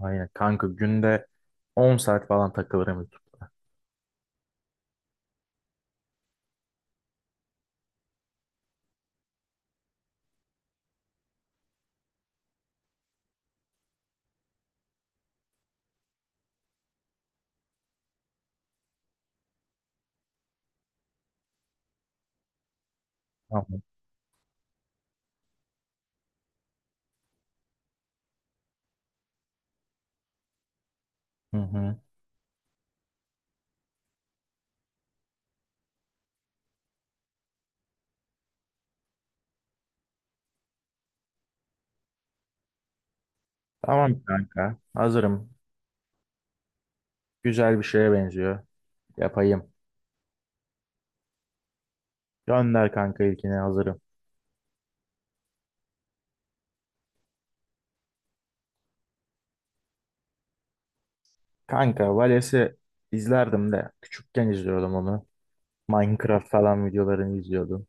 Aynen kanka günde 10 saat falan takılırım YouTube. Tamam. Hı hı. Tamam kanka. Hazırım. Güzel bir şeye benziyor. Yapayım. Gönder kanka ilkini hazırım. Kanka Vales'i izlerdim de küçükken izliyordum onu. Minecraft falan videolarını izliyordum.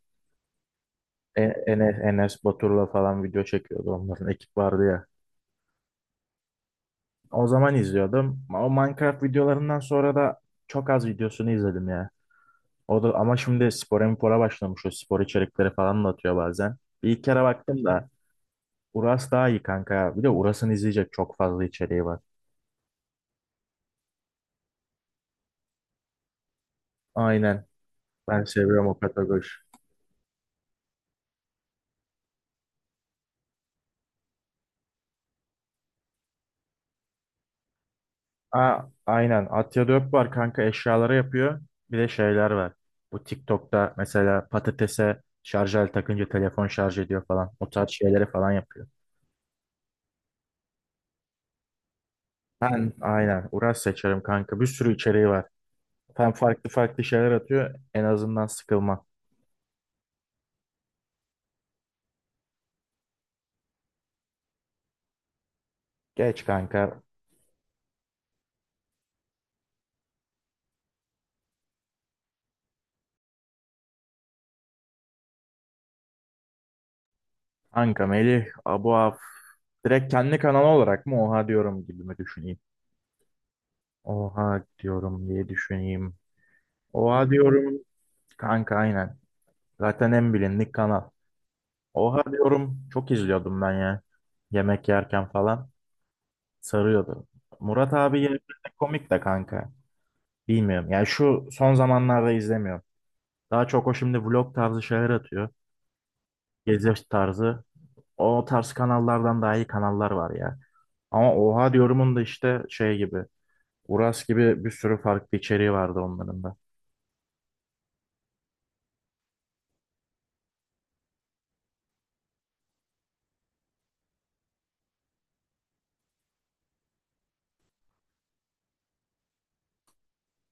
Enes Batur'la falan video çekiyordu. Onların ekip vardı ya. O zaman izliyordum. O Minecraft videolarından sonra da çok az videosunu izledim ya. O da ama şimdi spora mipora başlamış. O spor içerikleri falan da atıyor bazen. Bir ilk kere baktım da Uras daha iyi kanka. Bir de Uras'ın izleyecek çok fazla içeriği var. Aynen. Ben seviyorum o kategori. Aa, aynen. Atya Dök var kanka eşyaları yapıyor. Bir de şeyler var. Bu TikTok'ta mesela patatese şarj aleti takınca telefon şarj ediyor falan. O tarz şeyleri falan yapıyor. Ben aynen Uras seçerim kanka. Bir sürü içeriği var. Hem farklı farklı şeyler atıyor. En azından sıkılma. Geç kanka. Kanka Melih, Abu Af. Direkt kendi kanalı olarak mı oha diyorum gibi mi düşüneyim? Oha diyorum diye düşüneyim. Oha diyorum kanka aynen. Zaten en bilindik kanal. Oha diyorum çok izliyordum ben ya. Yemek yerken falan sarıyordu. Murat abi gerçekten komik de kanka. Bilmiyorum yani şu son zamanlarda izlemiyorum. Daha çok o şimdi vlog tarzı şeyler atıyor. Gezi tarzı. O tarz kanallardan daha iyi kanallar var ya. Ama oha diyorumun da işte şey gibi. Uras gibi bir sürü farklı içeriği vardı onların da.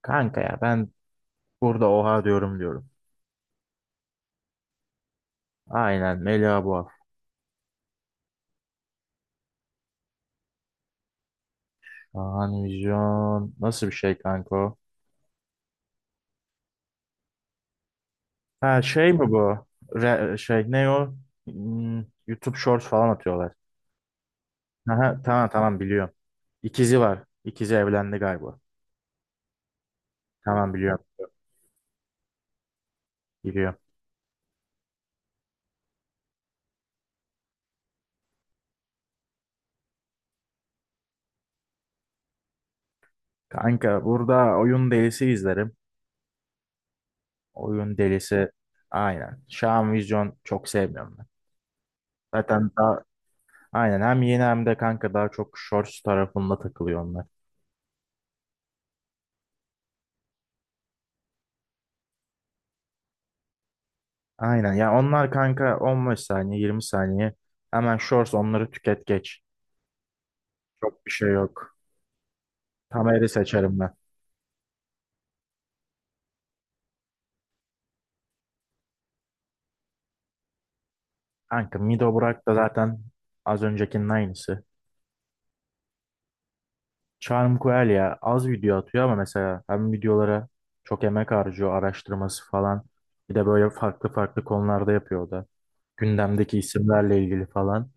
Kanka ya ben burada oha diyorum diyorum. Aynen Melia bu. Şahan Vizyon. Nasıl bir şey kanka o? Ha şey mi bu? Şey ne o? YouTube Shorts falan atıyorlar. Aha, tamam tamam biliyorum. İkizi var. İkizi evlendi galiba. Tamam biliyorum. Biliyorum. Kanka burada oyun delisi izlerim. Oyun delisi aynen. Şahan Vizyon çok sevmiyorum ben. Zaten daha. Aynen hem yeni hem de kanka daha çok shorts tarafında takılıyor onlar. Aynen ya onlar kanka 15 saniye 20 saniye hemen shorts onları tüket geç. Çok bir şey yok. Tamer'i seçerim ben. Kanka Mido Burak da zaten az öncekinin aynısı. Charm Coel ya az video atıyor ama mesela hem videolara çok emek harcıyor araştırması falan. Bir de böyle farklı farklı konularda yapıyor o da. Gündemdeki isimlerle ilgili falan.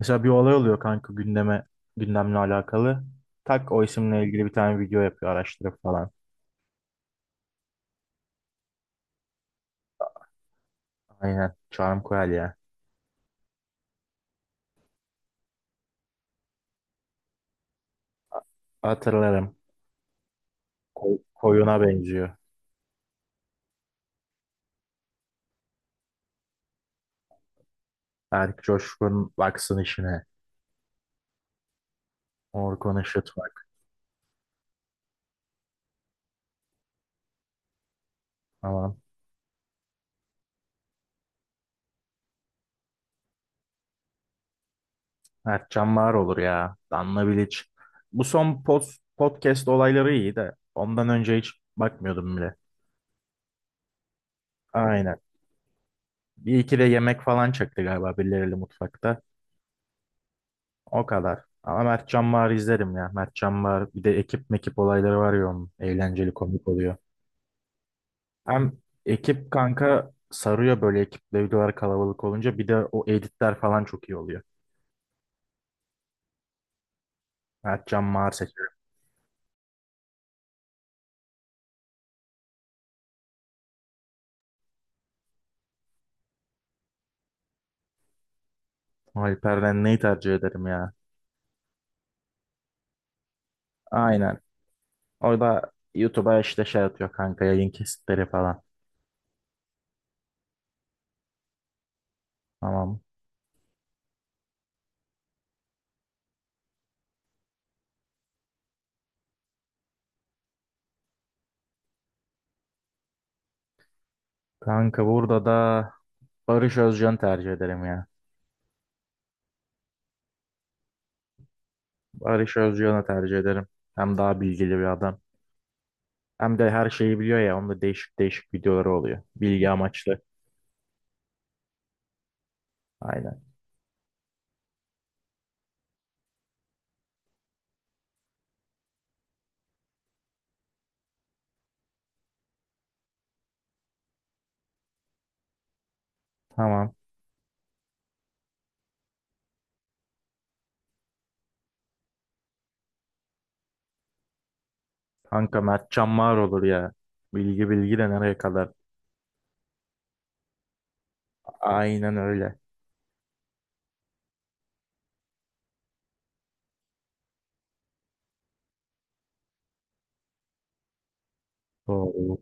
Mesela bir olay oluyor kanka gündemle alakalı. Tak o isimle ilgili bir tane video yapıyor araştırıp falan. Aynen. Çağrı Koyalya. Hatırlarım. Koyuna benziyor. Berk Coşkun baksın işine. Orkun Işıt bak. Aman. Erkcan var olur ya. Danla Bilic. Bu son podcast olayları iyi de ondan önce hiç bakmıyordum bile. Aynen. Bir iki de yemek falan çekti galiba birileriyle mutfakta. O kadar. Ama Mert Can Bağır'ı izlerim ya. Mert Can Bağır bir de ekip mekip olayları var ya onun. Eğlenceli komik oluyor. Hem ekip kanka sarıyor böyle ekiple videolar kalabalık olunca. Bir de o editler falan çok iyi oluyor. Mert Can Bağır seçerim. Alper'den neyi tercih ederim ya? Aynen. Orada YouTube'a işte şey atıyor kanka yayın kesitleri falan. Tamam. Kanka burada da Barış Özcan'ı tercih ederim ya. Barış Özcan'ı tercih ederim. Hem daha bilgili bir adam. Hem de her şeyi biliyor ya. Onda değişik değişik videoları oluyor. Bilgi amaçlı. Aynen. Tamam. Kanka Mertcan Mağar olur ya. Bilgi bilgi de nereye kadar? Aynen öyle. Doğru.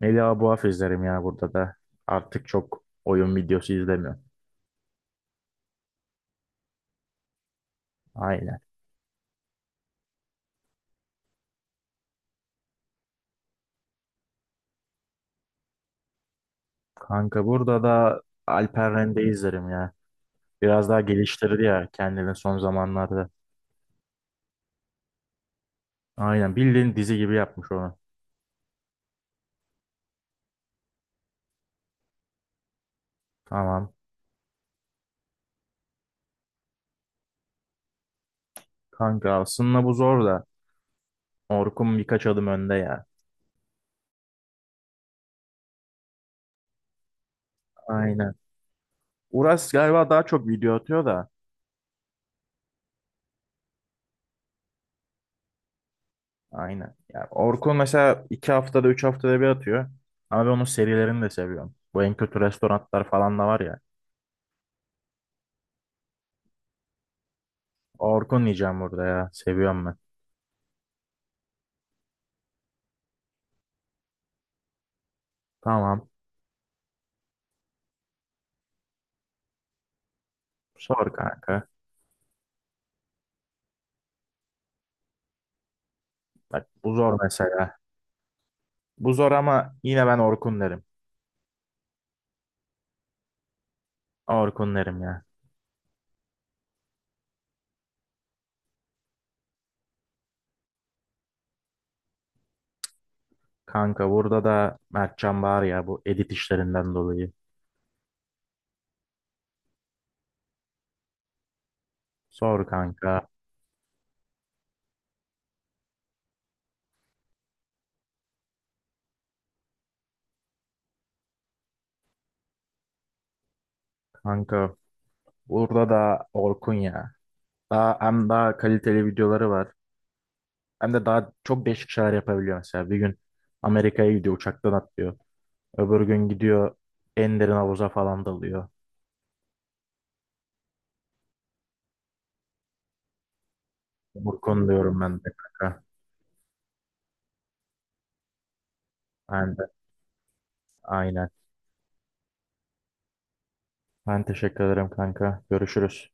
Melih Buaf izlerim ya burada da. Artık çok oyun videosu izlemiyorum. Aynen. Kanka burada da Alper Rende izlerim ya. Biraz daha geliştirdi ya kendini son zamanlarda. Aynen bildiğin dizi gibi yapmış onu. Tamam. Kanka aslında bu zor da. Orkun birkaç adım önde ya. Aynen. Uras galiba daha çok video atıyor da. Aynen. Yani Orkun mesela 2 haftada 3 haftada bir atıyor. Ama ben onun serilerini de seviyorum. Bu en kötü restoranlar falan da var ya. Orkun diyeceğim burada ya. Seviyorum ben. Tamam. Sor kanka. Bak bu zor mesela. Bu zor ama yine ben Orkun derim. Orkun derim ya. Kanka burada da Mertcan var ya bu edit işlerinden dolayı. Sor kanka. Kanka burada da Orkun ya. Hem daha kaliteli videoları var. Hem de daha çok değişik şeyler yapabiliyor mesela. Bir gün Amerika'ya gidiyor uçaktan atlıyor. Öbür gün gidiyor en derin havuza falan dalıyor. Burkun diyorum ben de kanka. Ben de. Aynen. Ben teşekkür ederim kanka. Görüşürüz.